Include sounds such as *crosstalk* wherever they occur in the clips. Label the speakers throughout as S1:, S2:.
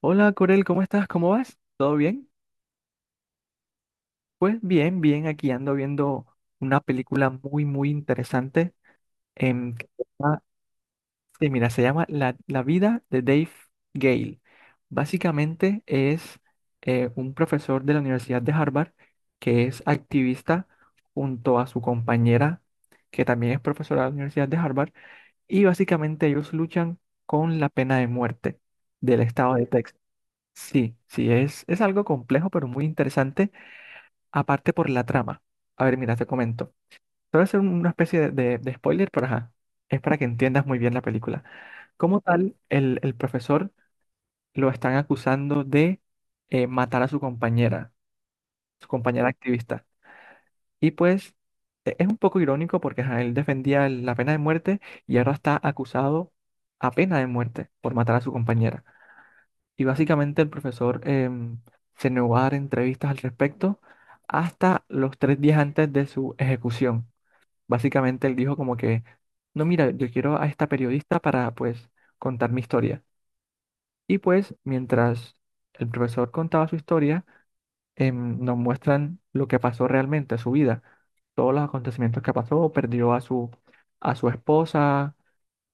S1: Hola Corel, ¿cómo estás? ¿Cómo vas? ¿Todo bien? Pues bien, bien, aquí ando viendo una película muy, muy interesante. em, que se llama- sí, mira, se llama La vida de Dave Gale. Básicamente es un profesor de la Universidad de Harvard que es activista junto a su compañera, que también es profesora de la Universidad de Harvard, y básicamente ellos luchan con la pena de muerte del estado de Texas. Sí, sí, es algo complejo, pero muy interesante, aparte por la trama. A ver, mira, te comento. Te voy a hacer una especie de spoiler, pero ajá, es para que entiendas muy bien la película. Como tal, el profesor lo están acusando de matar a su compañera activista. Y pues es un poco irónico porque ajá, él defendía la pena de muerte y ahora está acusado a pena de muerte por matar a su compañera. Y básicamente el profesor se negó a dar entrevistas al respecto hasta los 3 días antes de su ejecución. Básicamente él dijo como que: no, mira, yo quiero a esta periodista para, pues, contar mi historia. Y pues mientras el profesor contaba su historia, nos muestran lo que pasó realmente, su vida, todos los acontecimientos que pasó, perdió a su esposa,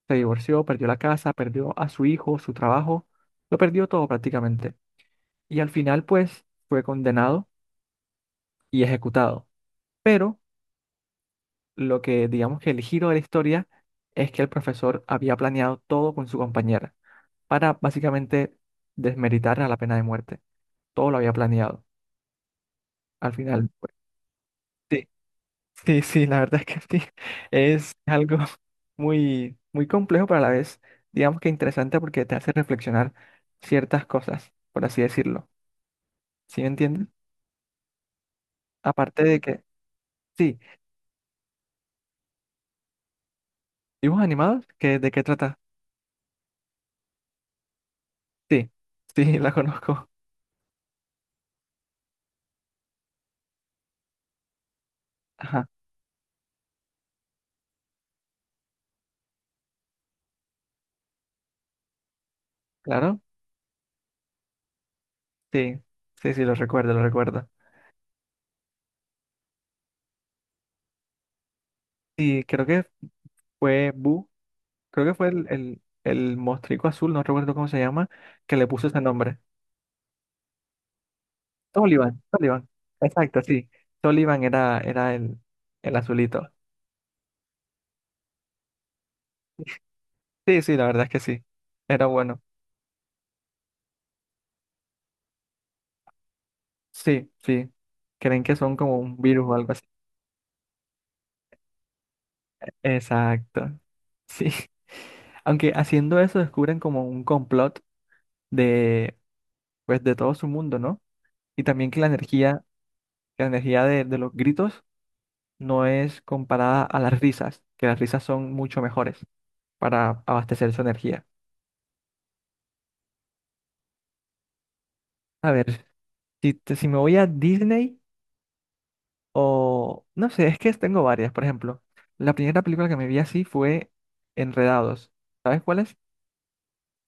S1: se divorció, perdió la casa, perdió a su hijo, su trabajo, lo perdió todo prácticamente. Y al final, pues, fue condenado y ejecutado. Pero lo que digamos que el giro de la historia es que el profesor había planeado todo con su compañera para básicamente desmeritar a la pena de muerte. Todo lo había planeado. Al final, pues, sí. Sí, sí, la verdad es que sí. *laughs* Es algo muy, muy complejo, pero a la vez, digamos que interesante porque te hace reflexionar ciertas cosas, por así decirlo. ¿Sí me entiendes? Aparte de que, sí, dibujos animados. ¿De qué trata? Sí, sí, *laughs* la conozco. Ajá, claro. Sí, sí, sí, lo recuerdo, lo recuerdo. Sí, creo que fue Bu, creo que fue el mostrico azul, no recuerdo cómo se llama, que le puso ese nombre. Sullivan, Sullivan. Exacto, sí. Sullivan era el azulito. Sí, sí, la verdad es que sí. Era bueno. Sí, sí. Creen que son como un virus o algo así. Exacto. Sí. *laughs* Aunque haciendo eso descubren como un complot de, pues, de todo su mundo, ¿no? Y también que la energía de los gritos no es comparada a las risas, que las risas son mucho mejores para abastecer su energía. A ver, si me voy a Disney. No sé, es que tengo varias. Por ejemplo, la primera película que me vi así fue Enredados. ¿Sabes cuál es?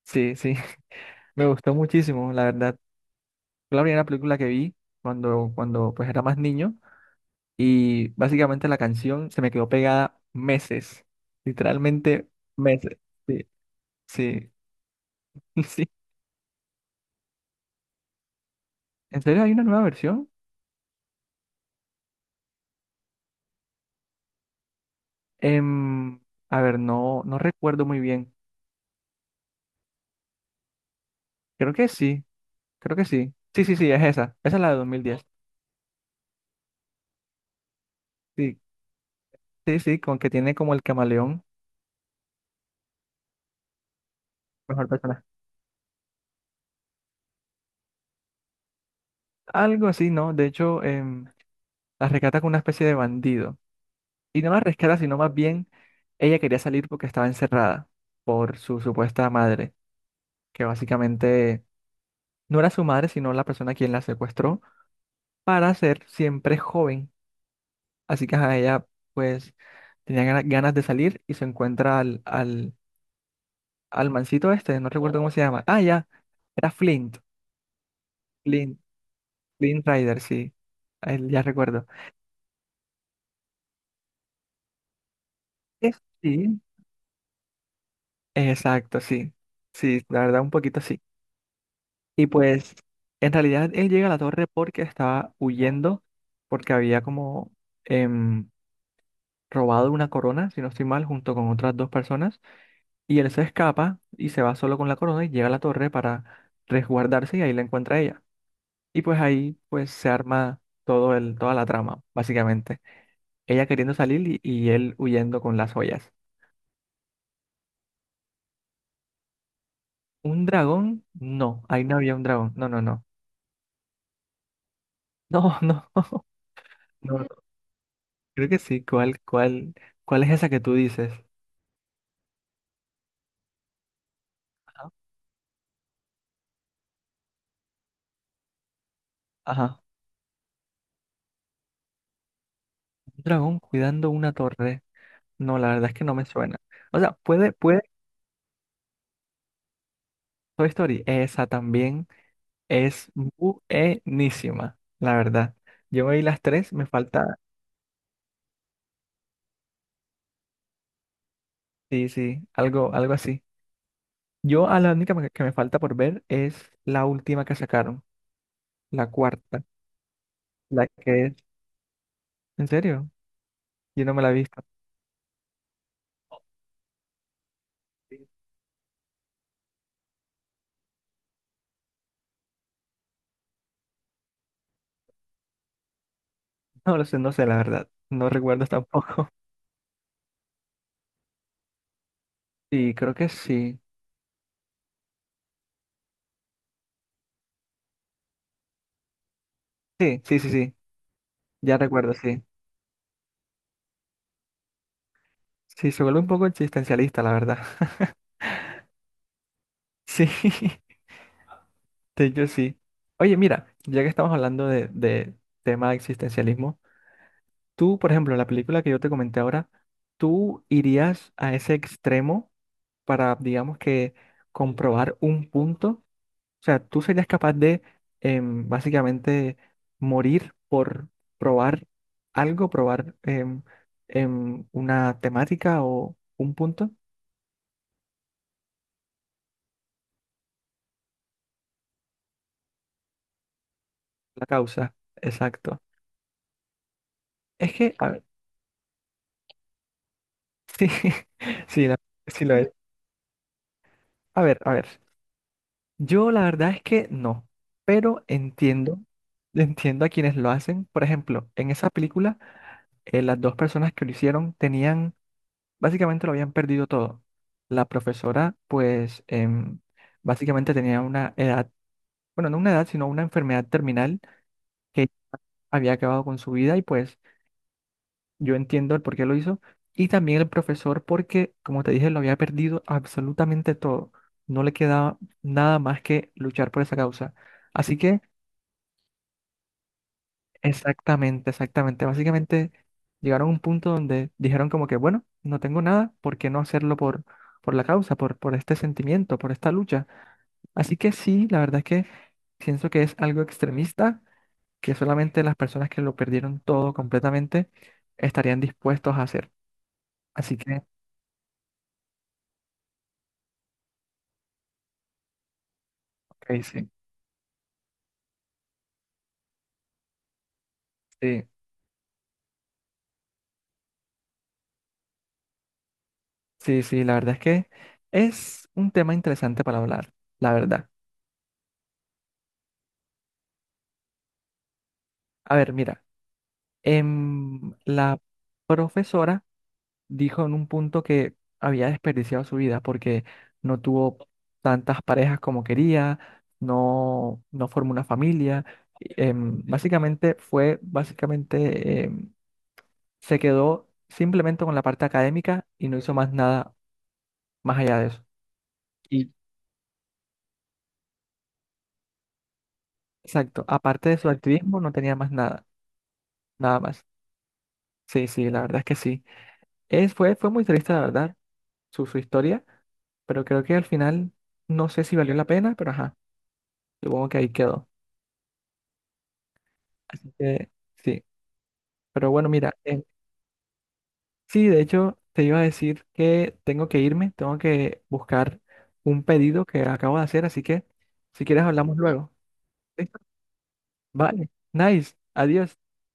S1: Sí, sí, *laughs* me gustó muchísimo, la verdad. Fue la primera película que vi cuando pues era más niño y básicamente la canción se me quedó pegada meses, literalmente meses. Sí, *laughs* sí. ¿En serio hay una nueva versión? Em, a ver, no recuerdo muy bien. Creo que sí, creo que sí. Sí, sí, sí, es esa. Esa es la de 2010. Sí, sí, sí, con que tiene como el camaleón, mejor persona. Algo así, ¿no? De hecho, la rescata con una especie de bandido. Y no la rescata, sino más bien ella quería salir porque estaba encerrada por su supuesta madre, que básicamente no era su madre, sino la persona quien la secuestró para ser siempre joven. Así que ajá, ella pues tenía ganas de salir y se encuentra al mancito este, no recuerdo cómo se llama. Ah, ya, era Flint, Flint, Flint Rider, sí, a él ya recuerdo. Sí. Exacto, sí, sí, la verdad un poquito sí. Y pues en realidad él llega a la torre porque estaba huyendo, porque había como em, robado una corona, si no estoy mal, junto con otras dos personas. Y él se escapa y se va solo con la corona y llega a la torre para resguardarse y ahí la encuentra ella. Y pues ahí, pues, se arma todo el, toda la trama, básicamente. Ella queriendo salir y, él huyendo con las joyas. ¿Un dragón? No, ahí no había un dragón. No, no, no. No, no, *laughs* no. No. Creo que sí. ¿Cuál es esa que tú dices? Ajá. Ajá. Un dragón cuidando una torre. No, la verdad es que no me suena. O sea, puede, puede. Toy Story, esa también. Es buenísima, la verdad. Yo me vi las tres, me falta, sí, sí, algo, algo así. Yo a la única que me falta por ver es la última que sacaron, la cuarta, la que es, ¿en serio? Yo no me la he visto. *laughs* No lo sé, no sé, la verdad. No recuerdo tampoco. *laughs* Sí, creo que sí. Sí, sí, sí, sí. Ya recuerdo, sí. Sí, se vuelve un poco existencialista, la verdad. *laughs* Sí, *laughs* de hecho sí. Oye, mira, ya que estamos hablando de tema de existencialismo, tú, por ejemplo, la película que yo te comenté ahora, ¿tú irías a ese extremo para, digamos que, comprobar un punto? O sea, ¿tú serías capaz de básicamente morir por probar algo, probar una temática o un punto? La causa, exacto. Es que, a ver, *laughs* sí, sí, sí lo es. A ver, a ver. Yo la verdad es que no, pero entiendo, entiendo a quienes lo hacen. Por ejemplo, en esa película, las dos personas que lo hicieron tenían, básicamente, lo habían perdido todo. La profesora, pues, básicamente tenía una edad, bueno, no una edad, sino una enfermedad terminal que había acabado con su vida, y pues yo entiendo el por qué lo hizo. Y también el profesor porque, como te dije, lo había perdido absolutamente todo. No le quedaba nada más que luchar por esa causa. Así que. Exactamente, exactamente. Básicamente llegaron a un punto donde dijeron como que, bueno, no tengo nada, ¿por qué no hacerlo por, la causa, por este sentimiento, por esta lucha? Así que sí, la verdad es que pienso que es algo extremista, que solamente las personas que lo perdieron todo completamente estarían dispuestos a hacer. Así que, ok, sí, sí, sí, sí, la verdad es que es un tema interesante para hablar, la verdad. A ver, mira, la profesora dijo en un punto que había desperdiciado su vida porque no tuvo tantas parejas como quería, no, no formó una familia. Básicamente se quedó simplemente con la parte académica y no hizo más nada más allá de eso. Y exacto, aparte de su activismo no tenía más nada, nada más. Sí, sí, la verdad es que sí. Fue muy triste, la verdad, su historia, pero creo que al final no sé si valió la pena, pero ajá, supongo que ahí quedó. Así que sí, pero bueno, mira, sí, de hecho te iba a decir que tengo que irme, tengo que buscar un pedido que acabo de hacer, así que si quieres hablamos luego. ¿Listo? Vale, nice, adiós.